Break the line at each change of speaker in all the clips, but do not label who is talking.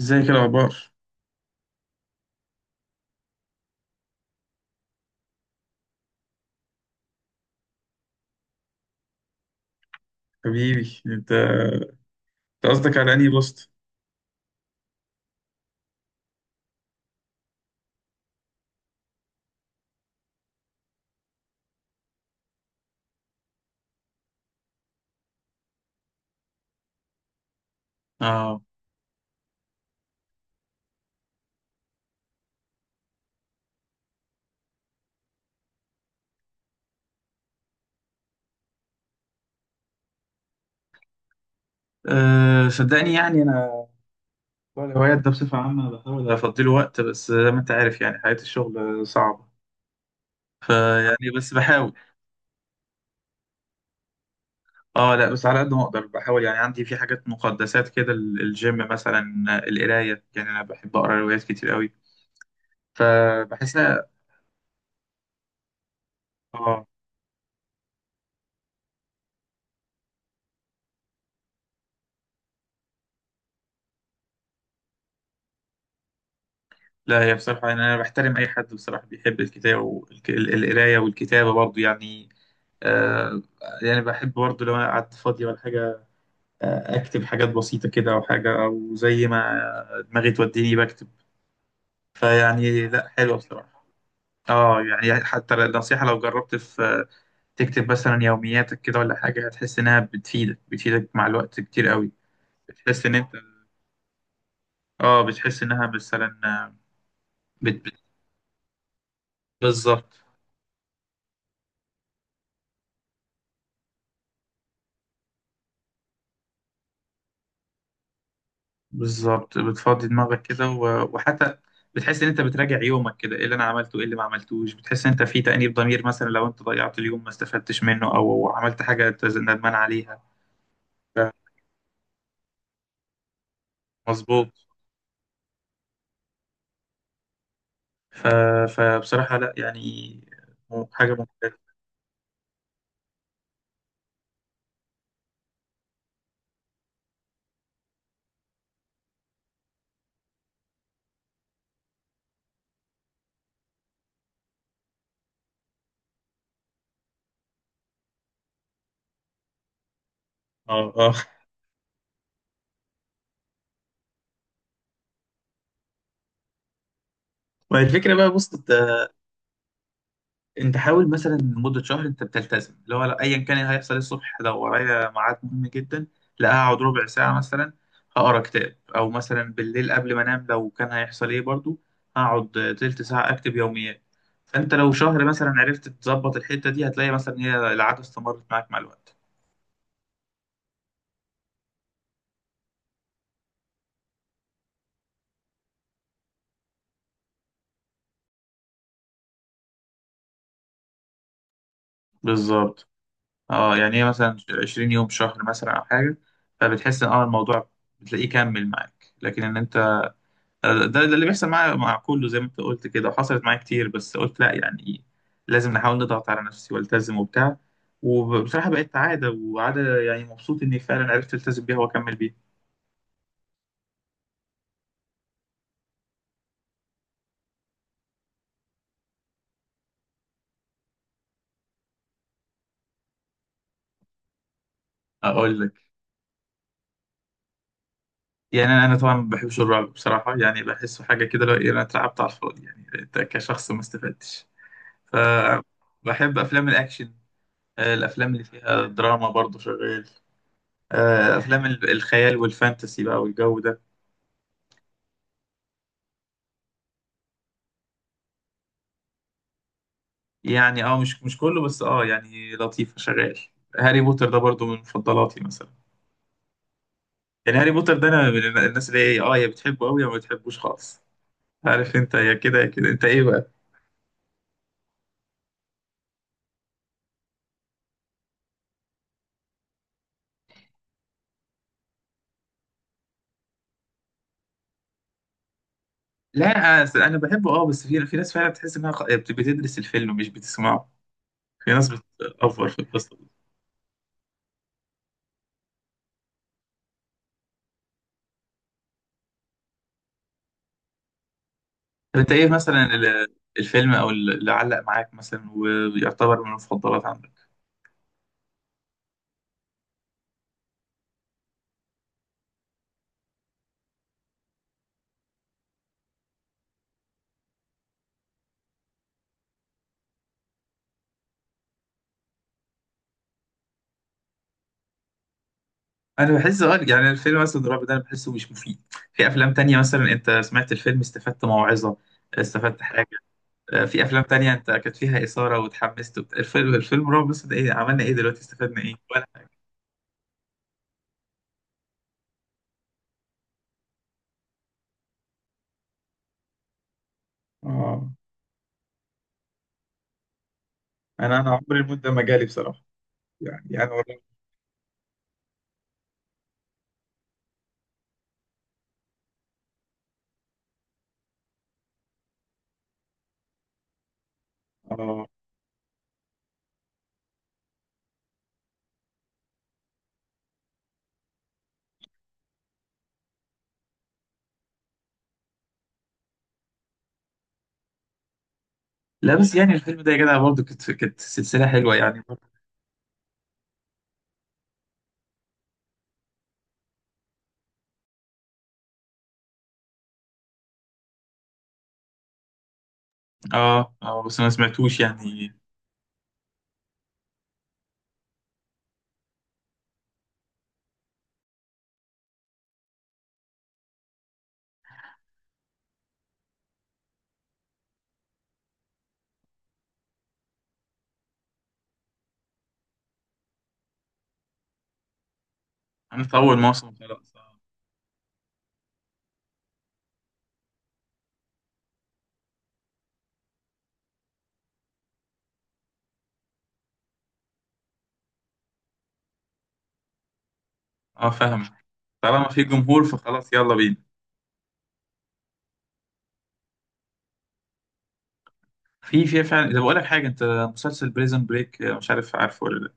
ازيك الاخبار؟ حبيبي، انت قصدك على انهي بوست؟ اه. صدقني، يعني انا موضوع الهوايات ده بصفه عامه بحاول افضي له وقت، بس زي ما انت عارف يعني حياه الشغل صعبه، فيعني بس بحاول. اه، لا، بس على قد ما اقدر بحاول، يعني عندي في حاجات مقدسات كده، الجيم مثلا، القرايه، يعني انا بحب اقرا روايات كتير قوي فبحسها. اه، لا، هي بصراحه يعني انا بحترم اي حد بصراحه بيحب الكتاب والقرايه والكتابه برضه يعني. آه، يعني بحب برضه لو انا قعدت فاضي ولا حاجه اكتب حاجات بسيطه كده او حاجه، او زي ما دماغي توديني بكتب، فيعني لا، حلوه بصراحه. اه، يعني حتى النصيحه، لو جربت في تكتب مثلا يومياتك كده ولا حاجه هتحس انها بتفيدك مع الوقت كتير قوي. بتحس ان انت، اه بتحس انها مثلا، بت... بت... بالظبط. بالظبط، بتفضي دماغك كده، وحتى بتحس ان انت بتراجع يومك كده، ايه اللي انا عملته، ايه اللي ما عملتوش، بتحس ان انت في تأنيب ضمير مثلا لو انت ضيعت اليوم ما استفدتش منه، او عملت حاجة انت ندمان عليها. ف- مظبوط. ف... فبصراحة، لا، يعني حاجة ممتازة. اه، اه. ما هي الفكرة بقى، بص، انت حاول مثلا لمده شهر انت بتلتزم، اللي هو لا، ايا كان اللي هيحصل الصبح، لو ورايا ميعاد مهم جدا، لا، هقعد ربع ساعه مثلا هقرا كتاب، او مثلا بالليل قبل ما انام، لو كان هيحصل ايه برضو هقعد تلت ساعه اكتب يوميات. فانت لو شهر مثلا عرفت تظبط الحته دي هتلاقي مثلا هي العاده استمرت معاك مع الوقت. بالظبط. اه يعني هي مثلا 20 يوم، شهر مثلا، او حاجه، فبتحس ان الموضوع بتلاقيه كمل معاك، لكن ان انت، ده اللي بيحصل معايا مع كله زي ما انت قلت كده، وحصلت معايا كتير، بس قلت لا، يعني لازم نحاول نضغط على نفسي والتزم وبتاع، وبصراحة بقت عادة، وعادة يعني مبسوط اني فعلا عرفت التزم بيها واكمل بيها. اقول لك، يعني انا طبعا ما بحبش الرعب بصراحة، يعني بحسه حاجة كده، لو انا اترعبت على الفاضي يعني انت كشخص ما استفدتش. فبحب افلام الاكشن، الافلام اللي فيها دراما برضه شغال، افلام الخيال والفانتسي بقى والجو ده. يعني مش كله، بس يعني لطيفة شغال. هاري بوتر ده برضو من مفضلاتي مثلا. يعني هاري بوتر ده انا من الناس اللي هي يا بتحبه قوي، يا ما بتحبوش خالص. عارف انت، يا كده يا كده. انت ايه بقى؟ لا، أصل انا بحبه، بس في ناس فعلا تحس انها بتدرس الفيلم مش بتسمعه. في ناس بتأفور في القصة دي. طب انت ايه مثلا الفيلم او اللي علق معاك مثلا ويعتبر من المفضلات عندك؟ انا بحس، يعني الفيلم مثلا الرعب ده انا بحسه مش مفيد. في افلام تانية مثلا، انت سمعت الفيلم استفدت موعظة، استفدت حاجة. في افلام تانية انت كانت فيها اثارة وتحمست، الفيلم رعب بس، ده ايه عملنا ايه دلوقتي، استفدنا ايه ولا حاجة. اه، انا عمري الموت ده ما جالي بصراحة. يعني والله. اه، لا، بس يعني الفيلم ده يا جدع برضه كانت سلسلة حلوة يعني. اه، اه، بس ما سمعتوش يعني. انا في اول موسم خلاص، اه. فاهم. طالما في جمهور فخلاص يلا بينا. في فعلا، ده بقول لك حاجه. انت مسلسل بريزن بريك، مش عارف عارفه ولا لا؟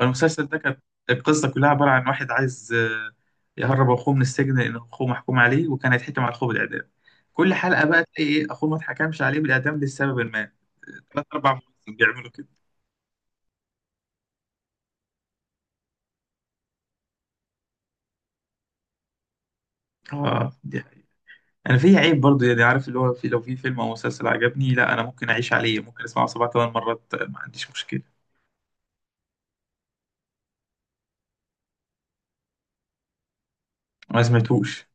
المسلسل ده كانت القصه كلها عباره عن واحد عايز يهرب اخوه من السجن لان اخوه محكوم عليه، وكان هيتحكم على اخوه بالاعدام. كل حلقه بقى تلاقي ايه، اخوه ما اتحكمش عليه بالاعدام لسبب ما. ثلاث اربع مواسم بيعملوا كده. اه، دي حقيقة. انا في عيب برضه، يعني عارف اللي هو، في لو في فيلم او مسلسل عجبني، لا، انا ممكن اعيش عليه، ممكن اسمعه سبع ثمان مرات، ما عنديش مشكله. ما سمعتوش.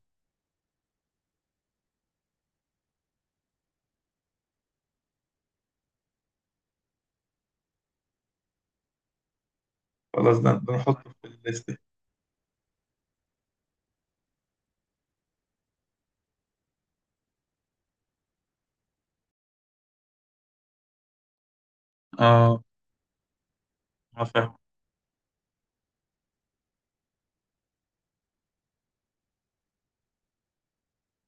خلاص، ده نحطه في الليست. اه، ما فاهم،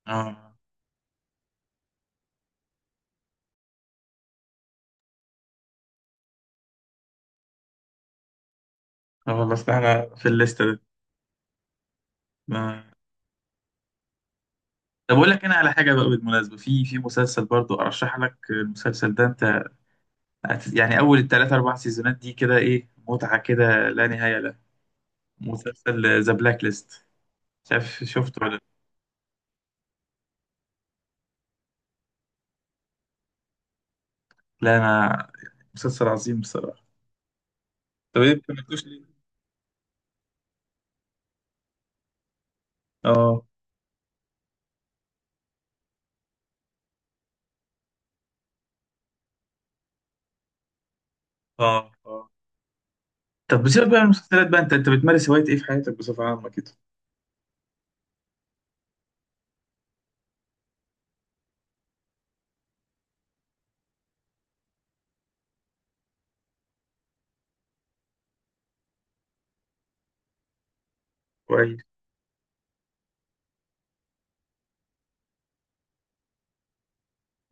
اه. اه، والله، أصل احنا في الليسته دي ما... طب اقول لك انا على حاجه بقى، بالمناسبه، في مسلسل برضو ارشح لك المسلسل ده، انت يعني اول الثلاث اربع سيزونات دي كده ايه، متعه كده لا نهايه لها. مسلسل ذا بلاك ليست، مش عارف شفته ولا؟ لا، لا، انا مسلسل عظيم بصراحه. طب ايه ما كملتوش ليه؟ اه، اه، اه. طب بسيبك بقى من المسلسلات، بقى انت بتمارس هوايه ايه في حياتك بصفه عامه كده؟ كويس،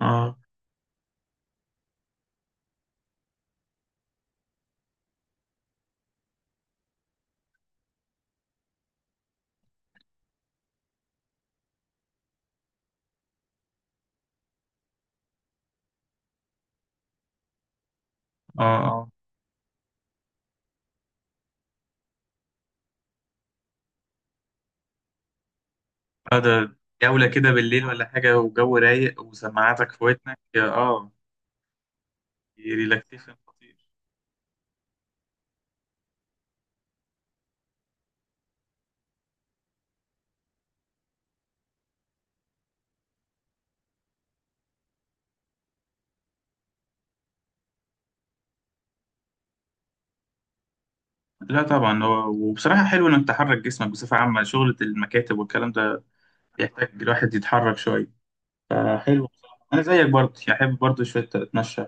اه، اه، آه. اه، ده جولة كده بالليل ولا حاجة، وجو رايق وسماعاتك في ودنك، اه. ريلاكسيشن خطير. لا طبعا، هو وبصراحة حلو انك تحرك جسمك بصفة عامة، شغلة المكاتب والكلام ده يحتاج الواحد يتحرك شوية، فحلو بصراحة. انا زيك برضه، يعني احب برضه شوية اتمشى.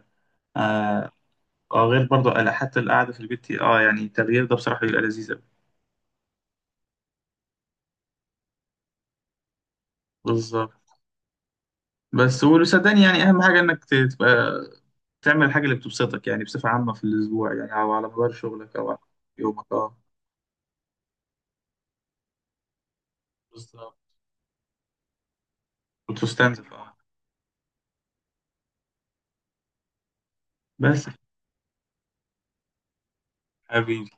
اه، غير برضه حتى القعدة في البيت، يعني التغيير ده بصراحة بيبقى لذيذ أوي. بالظبط. بس وصدقني يعني اهم حاجة انك تبقى تعمل الحاجة اللي بتبسطك، يعني بصفة عامة في الأسبوع، يعني أو على مدار شغلك، أو على يومك. بالظبط. كنت مستنزف، اه. بس، حبيبي،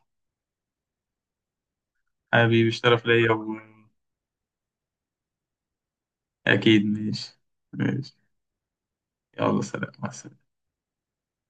حبيبي الشرف ليا. أكيد، ماشي. ماشي، يلا سلام، مع السلامة.